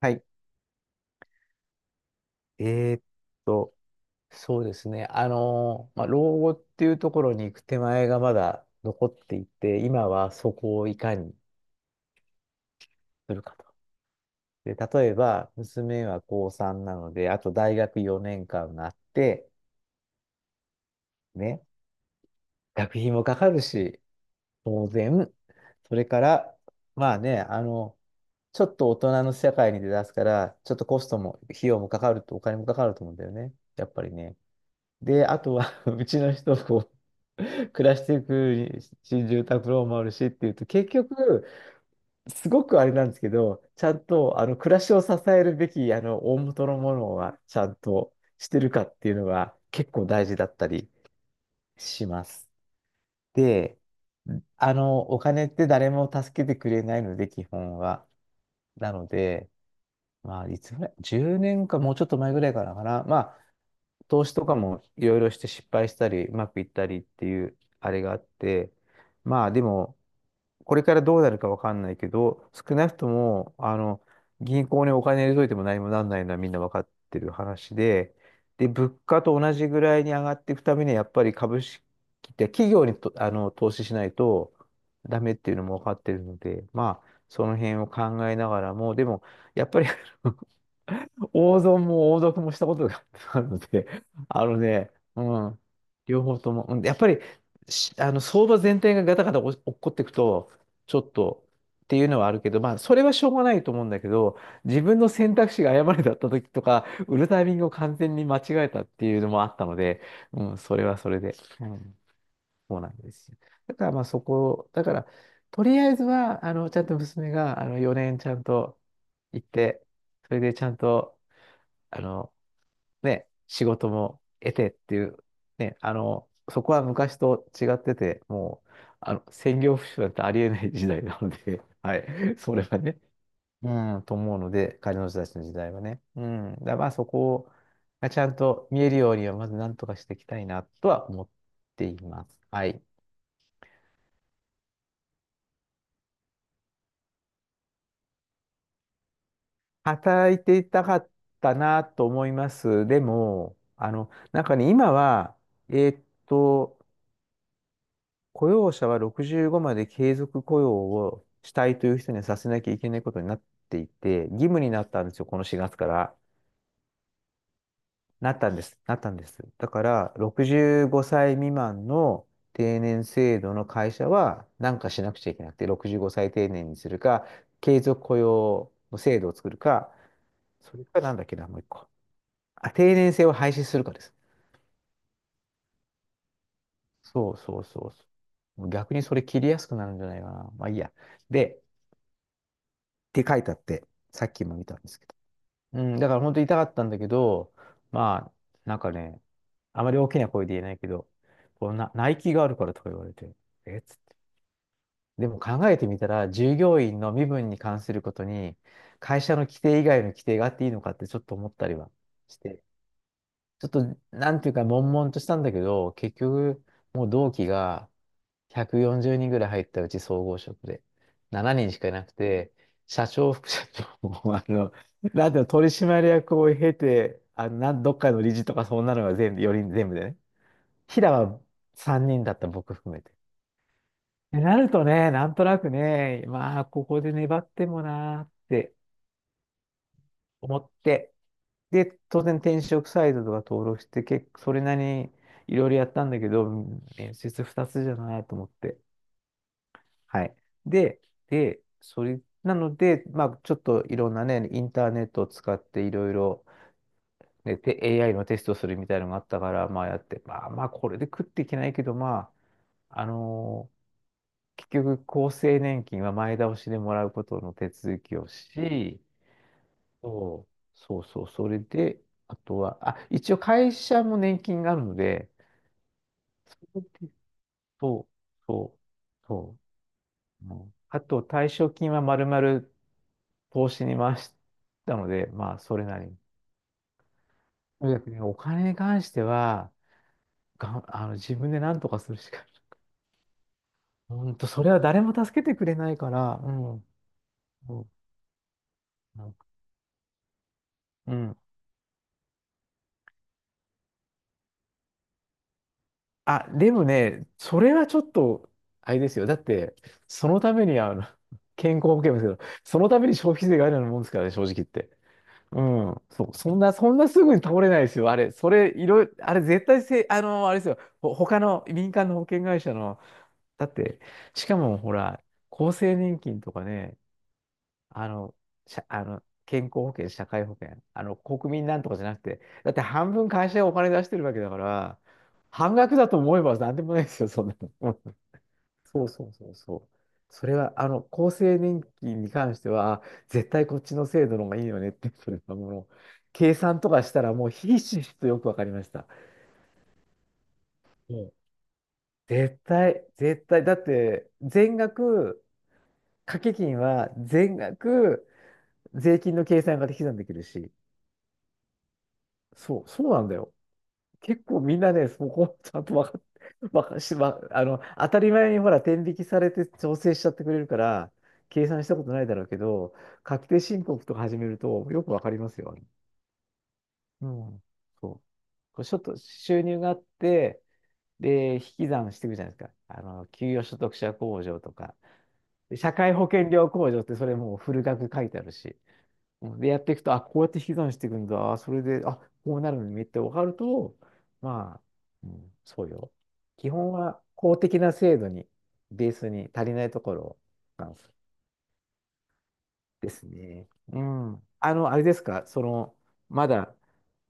はい。えーっと、そうですね。まあ、老後っていうところに行く手前がまだ残っていて、今はそこをいかにするかと。で、例えば、娘は高3なので、あと大学4年間があって、ね、学費もかかるし、当然、それから、まあね、ちょっと大人の世界に出だすから、ちょっとコストも、費用もかかると、お金もかかると思うんだよね。やっぱりね。で、あとは うちの人こう 暮らしていく新住宅ローンもあるしっていうと、結局、すごくあれなんですけど、ちゃんとあの暮らしを支えるべきあの大元のものはちゃんとしてるかっていうのが結構大事だったりします。で、お金って誰も助けてくれないので、基本は。なので、まあ、いつぐらい ?10 年かもうちょっと前ぐらいからかな。投資とかもいろいろして失敗したり、うまくいったりっていうあれがあって、まあでも、これからどうなるかわかんないけど、少なくとも、銀行にお金入れといても何もなんないのはみんなわかってる話で、で、物価と同じぐらいに上がっていくためには、やっぱり株式って企業にと、投資しないとダメっていうのもわかってるので、まあ、その辺を考えながらも、でも、やっぱり 王損も王読もしたことがあるので、あのね、うん、両方とも、うん、やっぱり、あの相場全体がガタガタお落っこっていくと、ちょっとっていうのはあるけど、まあ、それはしょうがないと思うんだけど、自分の選択肢が誤りだった時とか、売るタイミングを完全に間違えたっていうのもあったので、うん、それはそれで、うん、そうなんですよ。だからまあそこ、だから、とりあえずは、ちゃんと娘が、4年ちゃんと行って、それでちゃんと、あの、ね、仕事も得てっていう、ね、そこは昔と違ってて、もう、専業主婦なんてありえない時代なので、はい、それはね、うん、と思うので、彼女たちの時代はね。うん、まあそこがちゃんと見えるようには、まず何とかしていきたいなとは思っています。はい。働いていたかったなと思います。でも、なんかね、今は、えーっと、雇用者は65まで継続雇用をしたいという人にはさせなきゃいけないことになっていて、義務になったんですよ、この4月から。なったんです。なったんです。だから、65歳未満の定年制度の会社は何かしなくちゃいけなくて、65歳定年にするか、継続雇用の制度を作るか、それかなんだっけな、もう一個。あ、定年制を廃止するかです。そうそうそうそう逆にそれ切りやすくなるんじゃないかな。まあいいや。で、書いてあって、さっきも見たんですけど。うん、だから本当に痛かったんだけど、まあ、なんかね、あまり大きな声で言えないけど、こうな、ナイキがあるからとか言われて、えっつって。でも考えてみたら、従業員の身分に関することに、会社の規定以外の規定があっていいのかってちょっと思ったりはして、ちょっと、なんていうか、悶々としたんだけど、結局、もう同期が、140人ぐらい入ったうち総合職で。7人しかいなくて、社長、副社長も、なんていうの、取締役を経て、どっかの理事とかそんなのが全部、4全部でね。平は3人だった、僕含めて。でなるとね、なんとなくね、まあ、ここで粘ってもなーって思って、で、当然転職サイトとか登録して、結構それなりにいろいろやったんだけど、面接2つじゃないと思って。はい。で、なので、まあ、ちょっといろんなね、インターネットを使っていろいろ、ね、AI のテストするみたいなのがあったから、まあやって、まあまあ、これで食っていけないけど、まあ、結局、厚生年金は前倒しでもらうことの手続きをし、そう、そうそう、それで、あとは、あ、一応会社も年金があるので、それでそう、そう、そう。うんあと、退職金はまるまる投資に回したので、まあ、それなりに。とにかくね、お金に関しては、がん、あの、自分で何とかするしかない、本当、それは誰も助けてくれないから、うん、うん、うん。あ、でもね、それはちょっと、あれですよ。だって、そのために、健康保険ですけど、そのために消費税があるようなもんですからね、正直言って。うん、そう、そんなすぐに倒れないですよ。あれ、それ、いろいろ、あれ、絶対せ、あの、あれですよ、他の民間の保険会社の、だって、しかもほら、厚生年金とかね、あの、社あの、健康保険、社会保険、国民なんとかじゃなくて、だって半分会社がお金出してるわけだから、半額だと思えばなんでもないですよ、そんなの。うん そうそうそうそう。それは、厚生年金に関しては、絶対こっちの制度の方がいいよねって、それはもう、計算とかしたらもうひしひしとよくわかりました。もうん絶対、絶対、だって、全額、掛け金は全額税金の計算が適算できるし、そう、そうなんだよ。結構みんなね、そこちゃんと分かっ、わかし、わあの、当たり前にほら、天引きされて調整しちゃってくれるから、計算したことないだろうけど、確定申告とか始めるとよくわかりますよ。うん。そう。こうちょっと収入があって、で、引き算していくじゃないですか。給与所得者控除とか、で社会保険料控除ってそれもうフル額書いてあるし。うんで、やっていくと、あ、こうやって引き算していくんだ。それで、あ、こうなるのにめっちゃ分かると、まあ、うん、そうよ。基本は公的な制度に、ベースに足りないところなんですね。うん。あれですか、まだ、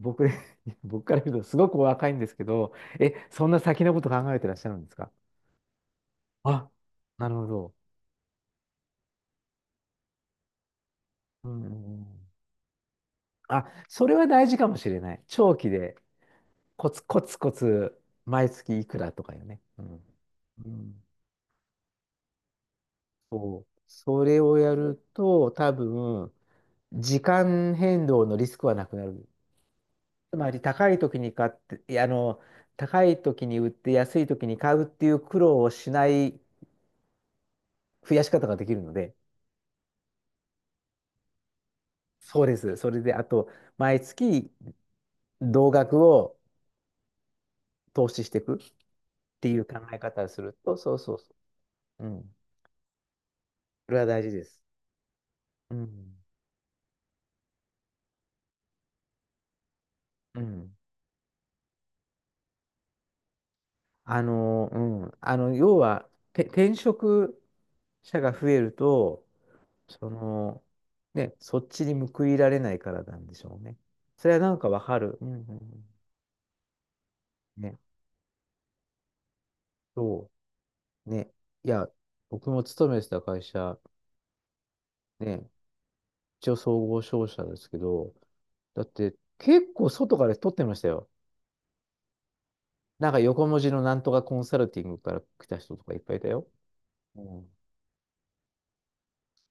僕、僕から言うと、すごくお若いんですけど、え、そんな先のこと考えてらっしゃるんですか？あ、なるほど。うんうんうん。あ、それは大事かもしれない。長期で、コツコツコツ、毎月いくらとかよね。うん。うん。そう。それをやると、多分、時間変動のリスクはなくなる。つまり、高い時に買って、高い時に売って安い時に買うっていう苦労をしない増やし方ができるので、そうです。それで、あと、毎月、同額を投資していくっていう考え方をすると、そうそうそう。うん。それは大事です。うん。うん。うん、要は、転職者が増えると、その、ね、そっちに報いられないからなんでしょうね。それはなんかわかる。うんうんうん。ね、そう。ね、いや、僕も勤めてた会社、ね、一応総合商社ですけど、だって結構外から取ってましたよ。なんか横文字のなんとかコンサルティングから来た人とかいっぱいいたよ。うん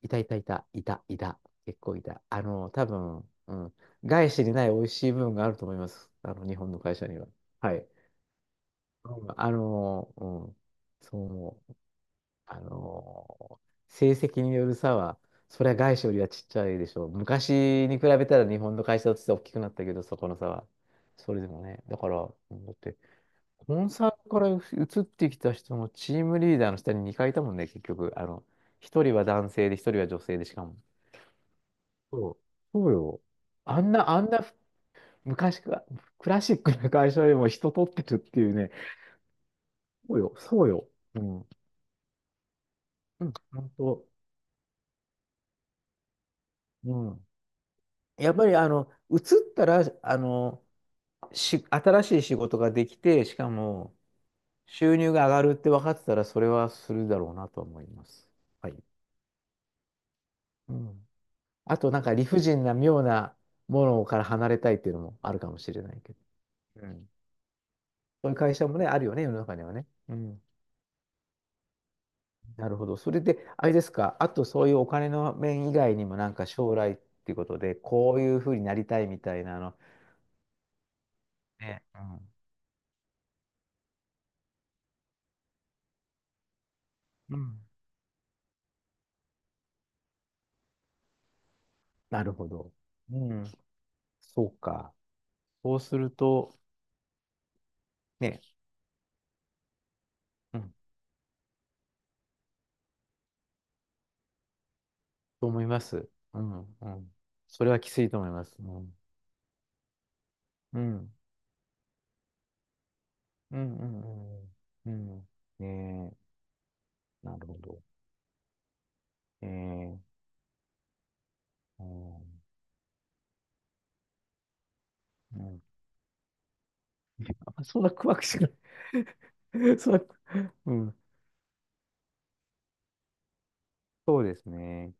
いたいたいた、いた、いた、結構いた。多分、うん、外資にない美味しい部分があると思います。日本の会社には。はい。うん、うん、そう思う。あの、成績による差は、それは外資よりはちっちゃいでしょう。昔に比べたら日本の会社として大きくなったけど、そこの差は。それでもね、だから、うんだって、コンサルから移ってきた人のチームリーダーの下に2回いいたもんね、結局。1人は男性で、一人は女性で、しかも。そう、そうよ。あんな、あんな昔か、クラシックな会社でも人取ってるっていうね。そうよ、そうよ。うん。うん、本当。うん。やっぱり、移ったら、新しい仕事ができて、しかも、収入が上がるって分かってたら、それはするだろうなと思います。はい。うん。あと、なんか理不尽な妙なものから離れたいっていうのもあるかもしれないけど。うん。そういう会社もね、あるよね、世の中にはね。うん。なるほど。それで、あれですか、あとそういうお金の面以外にも、なんか将来っていうことで、こういうふうになりたいみたいなの。ね、うん。うん。なるほど。うん。そうか。そうすると、ね、うん、と思います。うん、うん。それはきついと思います。うん。うん。うん、うん、うん。うんねえ、なるほど。ええ、うん。うん。あ、そんな怖くしない。そんな、うん。そうですね。